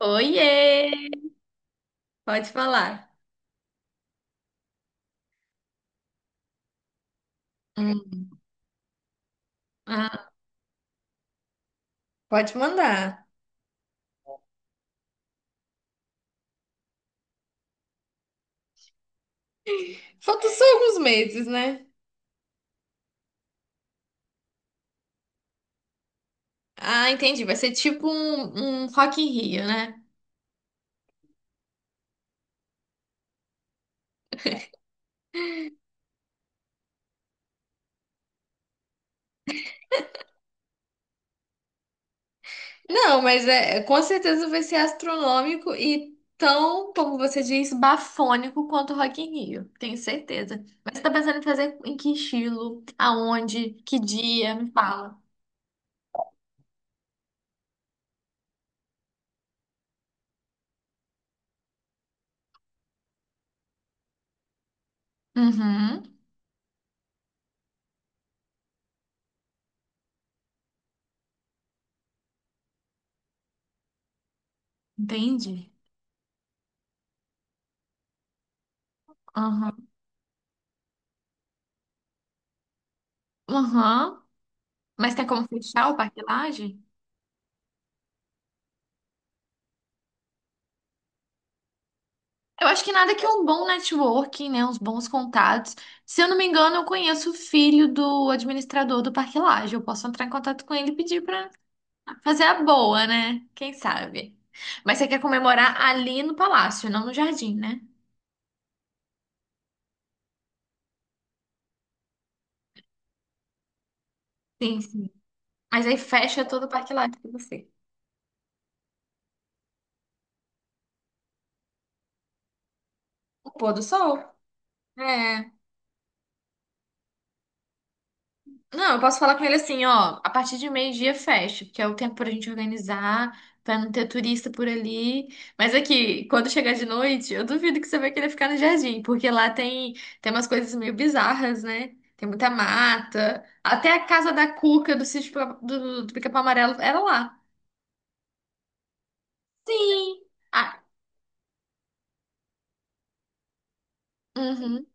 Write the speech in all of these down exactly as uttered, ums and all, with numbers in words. Oiê! Pode falar. Hum. Ah, pode mandar. Faltam só alguns meses, né? Ah, entendi. Vai ser tipo um, um Rock in Rio, né? Não, mas é, com certeza vai ser astronômico e tão, como você diz, Bafônico quanto o Rock in Rio, tenho certeza. Mas você tá pensando em fazer em que estilo? Aonde? Que dia? Me fala. Uhum, entendi. Aham, uhum. Mas tem como fechar o Parque Lage? Eu acho que nada que um bom networking, né? Uns bons contatos. Se eu não me engano, eu conheço o filho do administrador do Parque Lage. Eu posso entrar em contato com ele e pedir pra fazer a boa, né? Quem sabe? Mas você quer comemorar ali no palácio, não no jardim, né? Sim, sim. Mas aí fecha todo o Parque Lage pra você. O pôr do sol. É. Não, eu posso falar com ele assim, ó, a partir de meio-dia fecha, porque é o tempo pra gente organizar, pra não ter turista por ali. Mas aqui, quando chegar de noite, eu duvido que você vai querer ficar no jardim, porque lá tem, tem umas coisas meio bizarras, né? Tem muita mata. Até a casa da Cuca do sítio Pica- do, do Pica-Pau Amarelo era lá. Sim. Ah, uhum.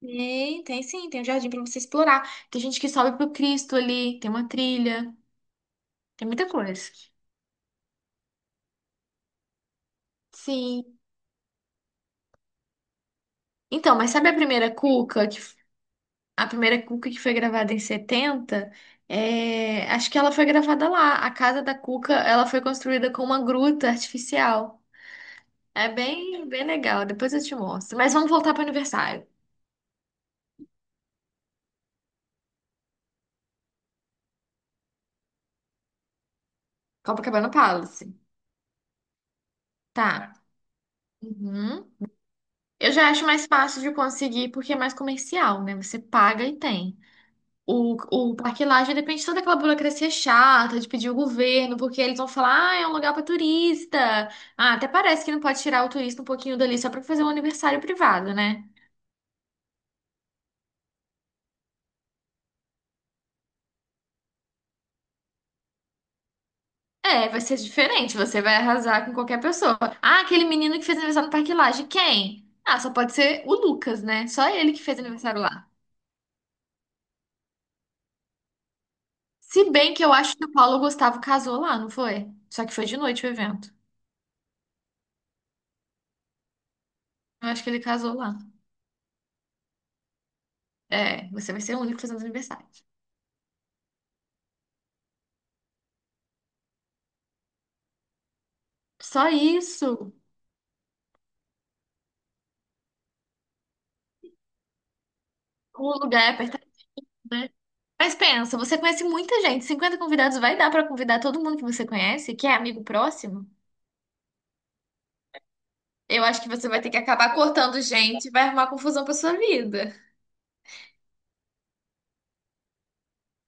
Tem, tem sim, tem um jardim pra você explorar. Tem gente que sobe pro Cristo ali, tem uma trilha, tem muita coisa. Sim. Então, mas sabe a primeira Cuca que a primeira Cuca que foi gravada em setenta. É, acho que ela foi gravada lá. A casa da Cuca, ela foi construída com uma gruta artificial. É bem, bem legal. Depois eu te mostro. Mas vamos voltar para o aniversário. Copacabana Palace. Tá. Uhum. Eu já acho mais fácil de conseguir porque é mais comercial, né? Você paga e tem. O, o Parque Lage depende de toda aquela burocracia chata de pedir o governo, porque eles vão falar, ah, é um lugar para turista. Ah, até parece que não pode tirar o turista um pouquinho dali só para fazer um aniversário privado, né? É, vai ser diferente, você vai arrasar com qualquer pessoa. Ah, aquele menino que fez aniversário no Parque Lage, quem? Ah, só pode ser o Lucas, né? Só ele que fez aniversário lá. Se bem que eu acho que o Paulo Gustavo casou lá, não foi? Só que foi de noite o evento. Eu acho que ele casou lá. É, você vai ser o único fazendo aniversário. Só isso. O lugar é apertado, né? Mas pensa, você conhece muita gente. Cinquenta convidados vai dar pra convidar todo mundo que você conhece, que é amigo próximo? Eu acho que você vai ter que acabar cortando gente, vai arrumar confusão pra sua vida.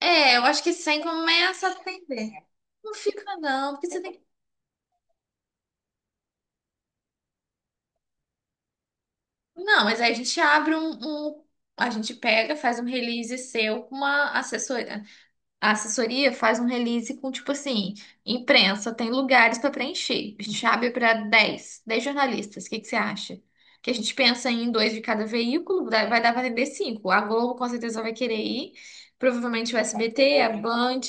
É, eu acho que sem começa a atender. Não fica não, porque você tem. Não, mas aí a gente abre. um, um- A gente pega, faz um release seu com uma assessoria. A assessoria faz um release com, tipo assim, imprensa, tem lugares para preencher. A gente abre para dez dez jornalistas. O que que você acha? Que a gente pensa em dois de cada veículo, dá- vai dar para atender cinco. A Globo com certeza vai querer ir. Provavelmente o S B T, a Band.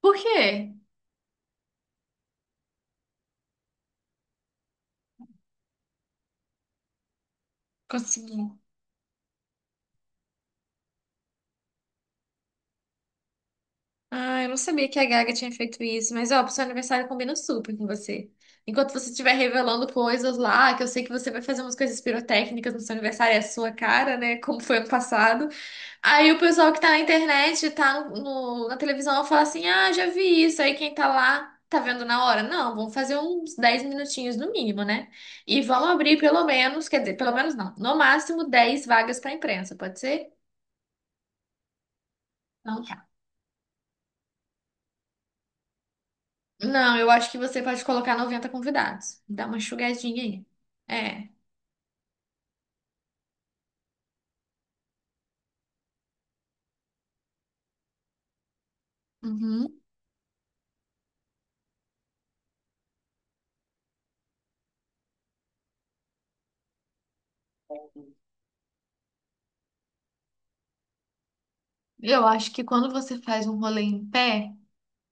Por quê? Conseguiu. Ah, eu não sabia que a Gaga tinha feito isso, mas ó, pro seu aniversário combina super com você. Enquanto você estiver revelando coisas lá, que eu sei que você vai fazer umas coisas pirotécnicas no seu aniversário, é a sua cara, né? Como foi ano passado. Aí o pessoal que tá na internet, tá no, no- na televisão, fala assim: ah, já vi isso. Aí quem tá lá tá vendo na hora. Não, vamos fazer uns dez minutinhos no mínimo, né? E vamos abrir pelo menos, quer dizer, pelo menos não, no máximo dez vagas pra imprensa, pode ser? Não, tá. Não, eu acho que você pode colocar noventa convidados. Dá uma enxugadinha aí. É. Uhum. Eu acho que quando você faz um rolê em pé.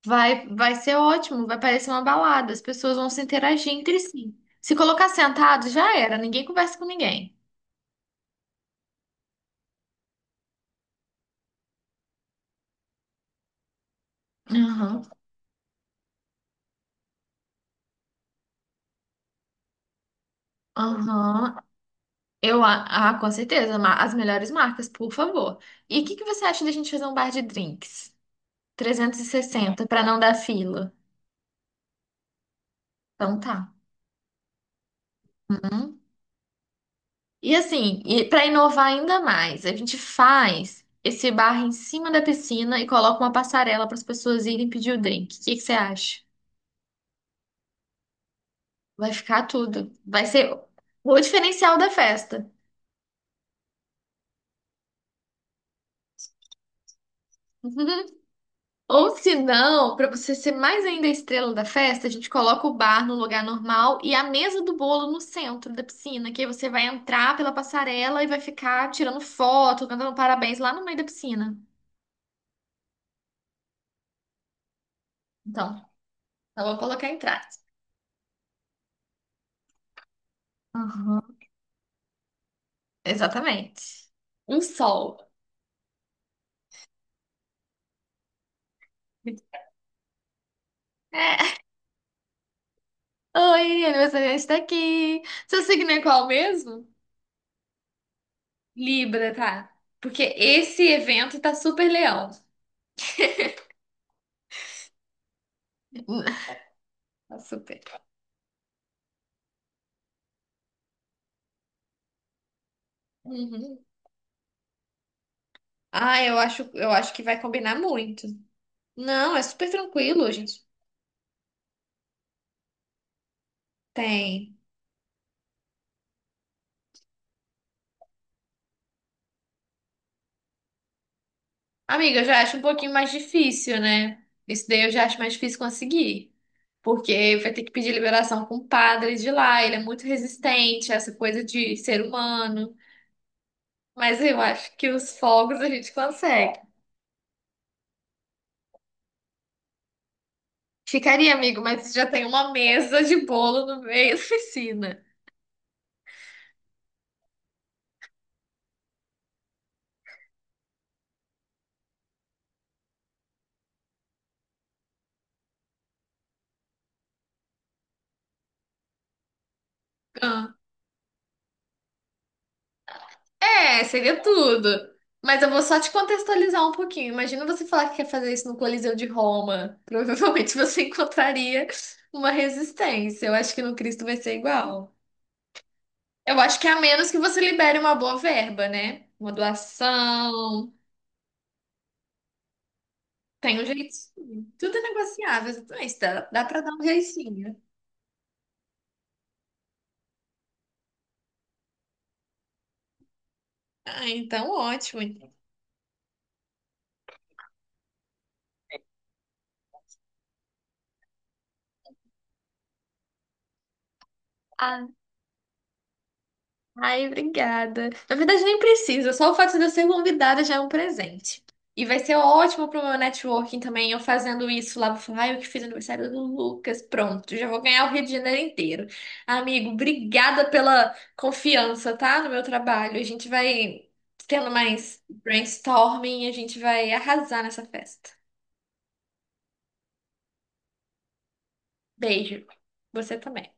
Vai, vai ser ótimo, vai parecer uma balada, as pessoas vão se interagir entre si. Se colocar sentado, já era, ninguém conversa com ninguém. Aham, aham. Eu, a, ah, com certeza, ma- as melhores marcas, por favor. E o que que você acha da gente fazer um bar de drinks? Trezentos e sessenta para não dar fila. Então tá. Uhum. E assim, e para inovar ainda mais, a gente faz esse bar em cima da piscina e coloca uma passarela para as pessoas irem pedir o drink. O que que você acha? Vai ficar tudo. Vai ser o diferencial da festa. Ou se não, para você ser mais ainda a estrela da festa, a gente coloca o bar no lugar normal e a mesa do bolo no centro da piscina, que aí você vai entrar pela passarela e vai ficar tirando foto, cantando parabéns lá no meio da piscina. Então, eu vou colocar em trás. Aham. Exatamente. Um sol. É. Oi, aniversariante está aqui. Seu signo é qual mesmo? Libra, tá? Porque esse evento tá super leão. Tá super. Uhum. Ah, eu acho, eu acho que vai combinar muito. Não, é super tranquilo, gente. Tem. Amiga, eu já acho um pouquinho mais difícil, né? Isso daí eu já acho mais difícil conseguir. Porque vai ter que pedir liberação com o padre de lá. Ele é muito resistente a essa coisa de ser humano. Mas eu acho que os fogos a gente consegue. Ficaria, amigo, mas já tem uma mesa de bolo no meio da piscina. Ah. É, seria tudo. Mas eu vou só te contextualizar um pouquinho. Imagina você falar que quer fazer isso no Coliseu de Roma. Provavelmente você encontraria uma resistência. Eu acho que no Cristo vai ser igual. Eu acho que a menos que você libere uma boa verba, né? Uma doação. Tem um jeitinho. Tudo é negociável, exatamente. Dá, dá pra dar um jeitinho. Ah, então ótimo. Ai, obrigada. Na verdade, nem precisa, só o fato de eu ser convidada já é um presente. E vai ser ótimo pro meu networking também, eu fazendo isso lá. Vou falar, ai, eu que fiz aniversário do Lucas. Pronto, já vou ganhar o Rio de Janeiro inteiro. Amigo, obrigada pela confiança, tá? No meu trabalho. A gente vai tendo mais brainstorming, a gente vai arrasar nessa festa. Beijo. Você também.